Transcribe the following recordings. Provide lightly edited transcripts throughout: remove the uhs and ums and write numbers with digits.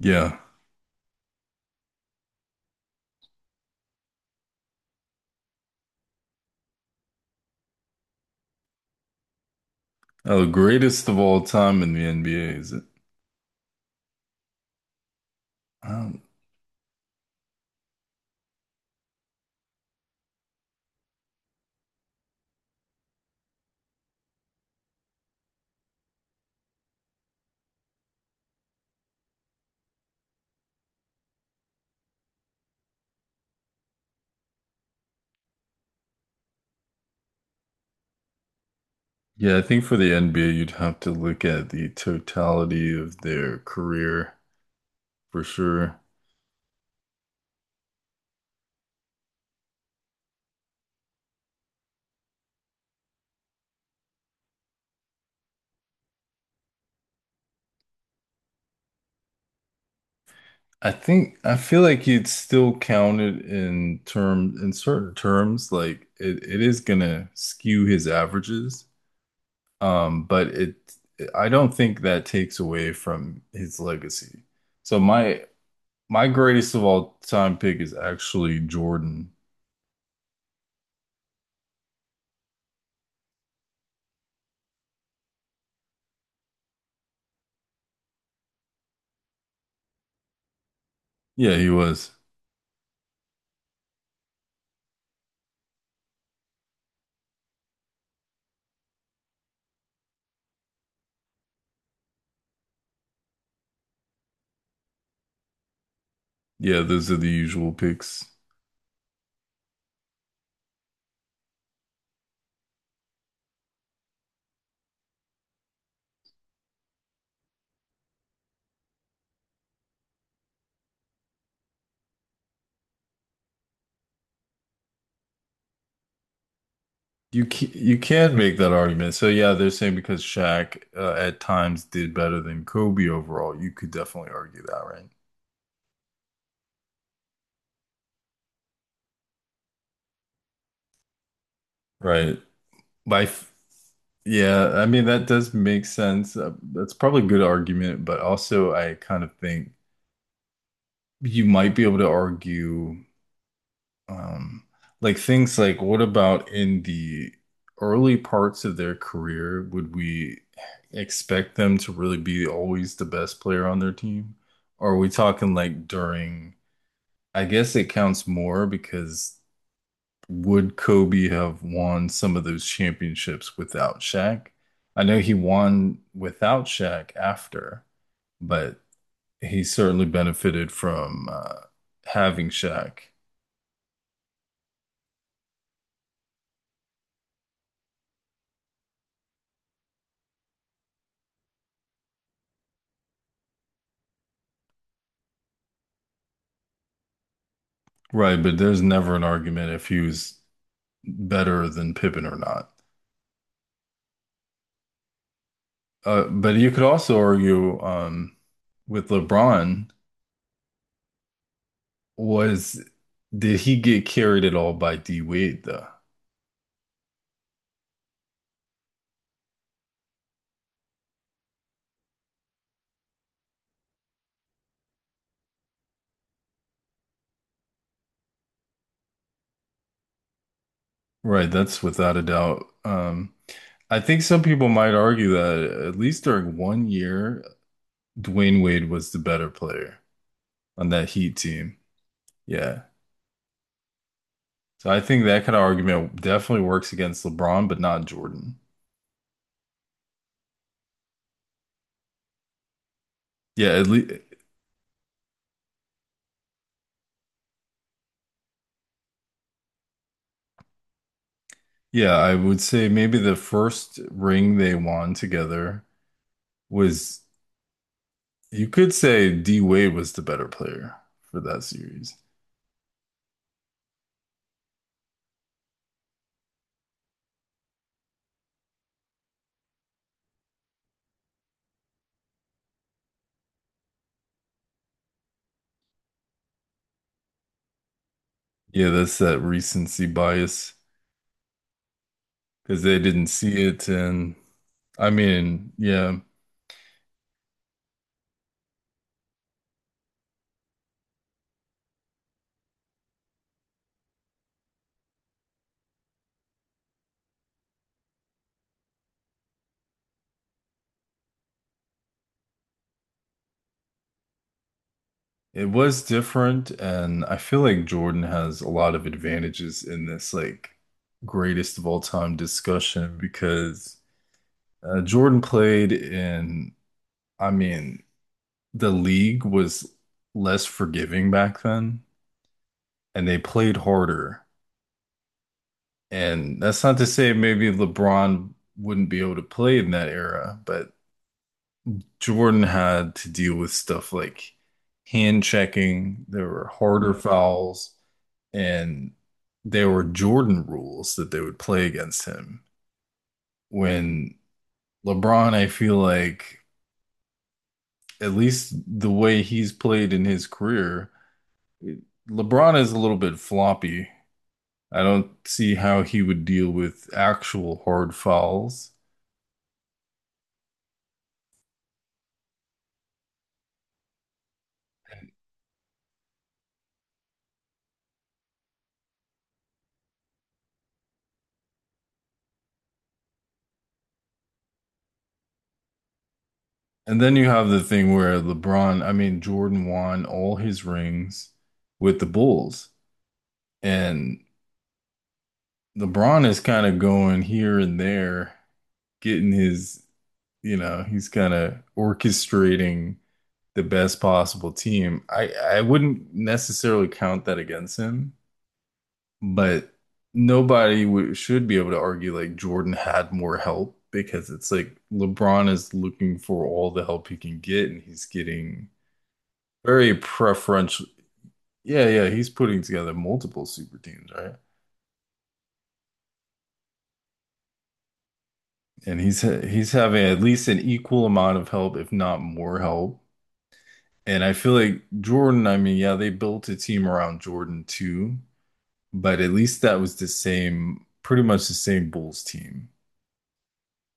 Yeah. Oh, the greatest of all time in the NBA is it? Um, yeah, I think for the NBA, you'd have to look at the totality of their career for sure. I think I feel like you'd still count it in term in certain terms. Like it is gonna skew his averages. But it I don't think that takes away from his legacy. So my greatest of all time pick is actually Jordan. Yeah, he was. Yeah, those are the usual picks. You can make that argument. So yeah, they're saying because Shaq at times did better than Kobe overall, you could definitely argue that, right? Right. My f- yeah, I mean that does make sense. That's probably a good argument, but also I kind of think you might be able to argue. Um, like things like what about in the early parts of their career, would we expect them to really be always the best player on their team? Or are we talking like during, I guess it counts more because would Kobe have won some of those championships without Shaq? I know he won without Shaq after, but he certainly benefited from having Shaq. Right, but there's never an argument if he's better than Pippen or not. But you could also argue with LeBron was did he get carried at all by D Wade though? Right, that's without a doubt. I think some people might argue that at least during one year, Dwayne Wade was the better player on that Heat team. Yeah, so I think that kind of argument definitely works against LeBron, but not Jordan. Yeah, at least. Yeah, I would say maybe the first ring they won together was, you could say D Wade was the better player for that series. Yeah, that's that recency bias because they didn't see it. And I mean, yeah, it was different. And I feel like Jordan has a lot of advantages in this, like, greatest of all time discussion because Jordan played in, I mean, the league was less forgiving back then and they played harder. And that's not to say maybe LeBron wouldn't be able to play in that era, but Jordan had to deal with stuff like hand checking, there were harder fouls, and there were Jordan rules that they would play against him. When LeBron, I feel like, at least the way he's played in his career, LeBron is a little bit floppy. I don't see how he would deal with actual hard fouls. And then you have the thing where LeBron, I mean, Jordan won all his rings with the Bulls. And LeBron is kind of going here and there, getting his, you know, he's kind of orchestrating the best possible team. I wouldn't necessarily count that against him. But nobody w should be able to argue like Jordan had more help because it's like LeBron is looking for all the help he can get and he's getting very preferential. Yeah, yeah, he's putting together multiple super teams, right? And he's having at least an equal amount of help, if not more help. And I feel like Jordan, I mean, yeah, they built a team around Jordan too, but at least that was the same, pretty much the same Bulls team.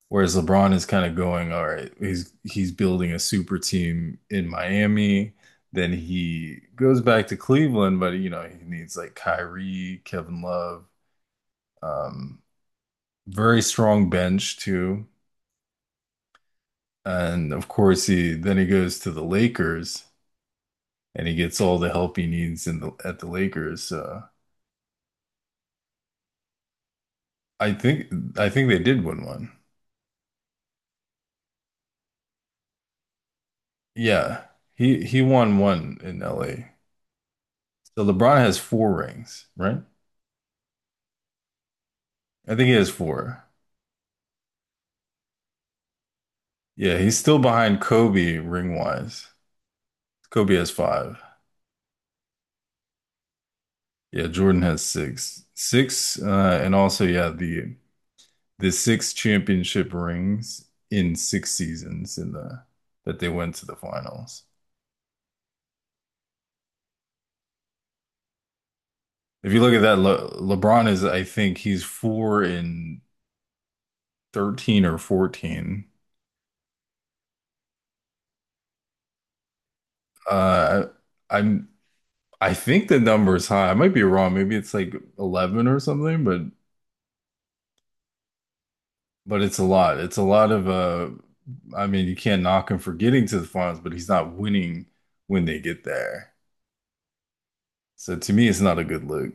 Whereas LeBron is kind of going, all right, he's building a super team in Miami. Then he goes back to Cleveland, but you know, he needs like Kyrie, Kevin Love, um, very strong bench too. And of course he goes to the Lakers and he gets all the help he needs in the Lakers. So I think they did win one. Yeah. He won one in LA. So LeBron has four rings, right? I think he has four. Yeah, he's still behind Kobe ring wise. Kobe has five. Yeah, Jordan has six. Six, and also yeah, the six championship rings in six seasons in the that they went to the finals. If you look at that, Le LeBron is I think he's four in 13 or 14. Uh, I I think the number is high. I might be wrong. Maybe it's like 11 or something, but it's a lot. It's a lot of I mean, you can't knock him for getting to the finals, but he's not winning when they get there. So to me, it's not a good look.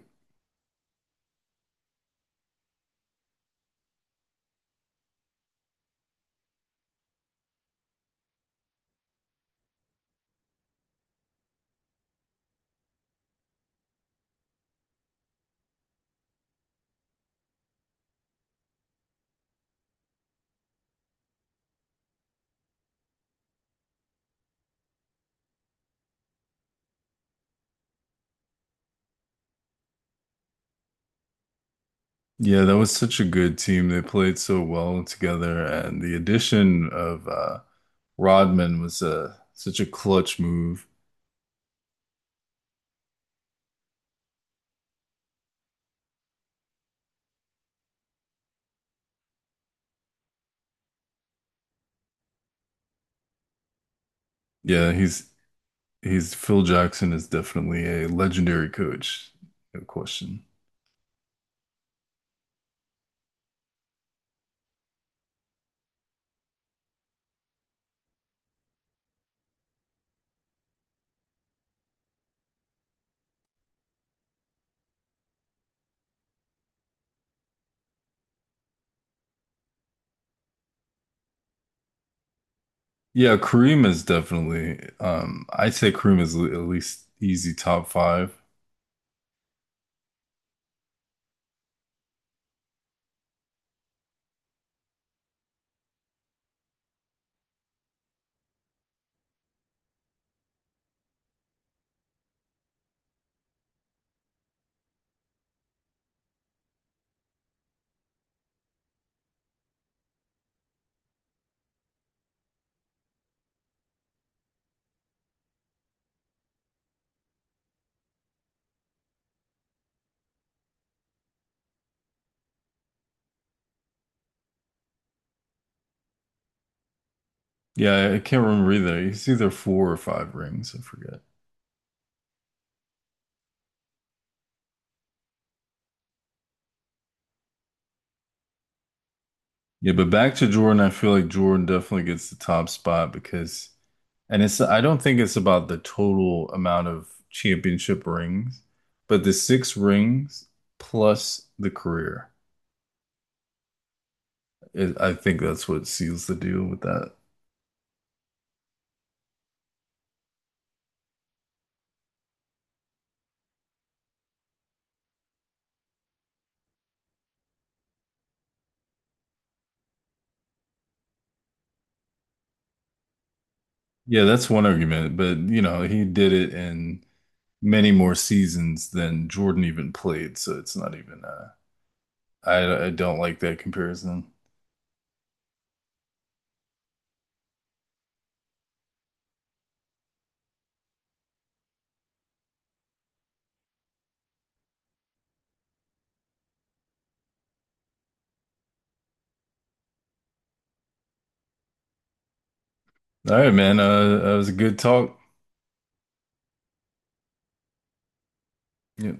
Yeah, that was such a good team. They played so well together, and the addition of Rodman was such a clutch move. Yeah, he's Phil Jackson is definitely a legendary coach. No question. Yeah, Kareem is definitely I'd say Kareem is at least easy top five. Yeah, I can't remember either. It's either four or five rings. I forget. Yeah, but back to Jordan, I feel like Jordan definitely gets the top spot because, and it's, I don't think it's about the total amount of championship rings, but the six rings plus the career. It, I think that's what seals the deal with that. Yeah, that's one argument, but you know, he did it in many more seasons than Jordan even played, so it's not even, I don't like that comparison. All right, man. That was a good talk. Yeah.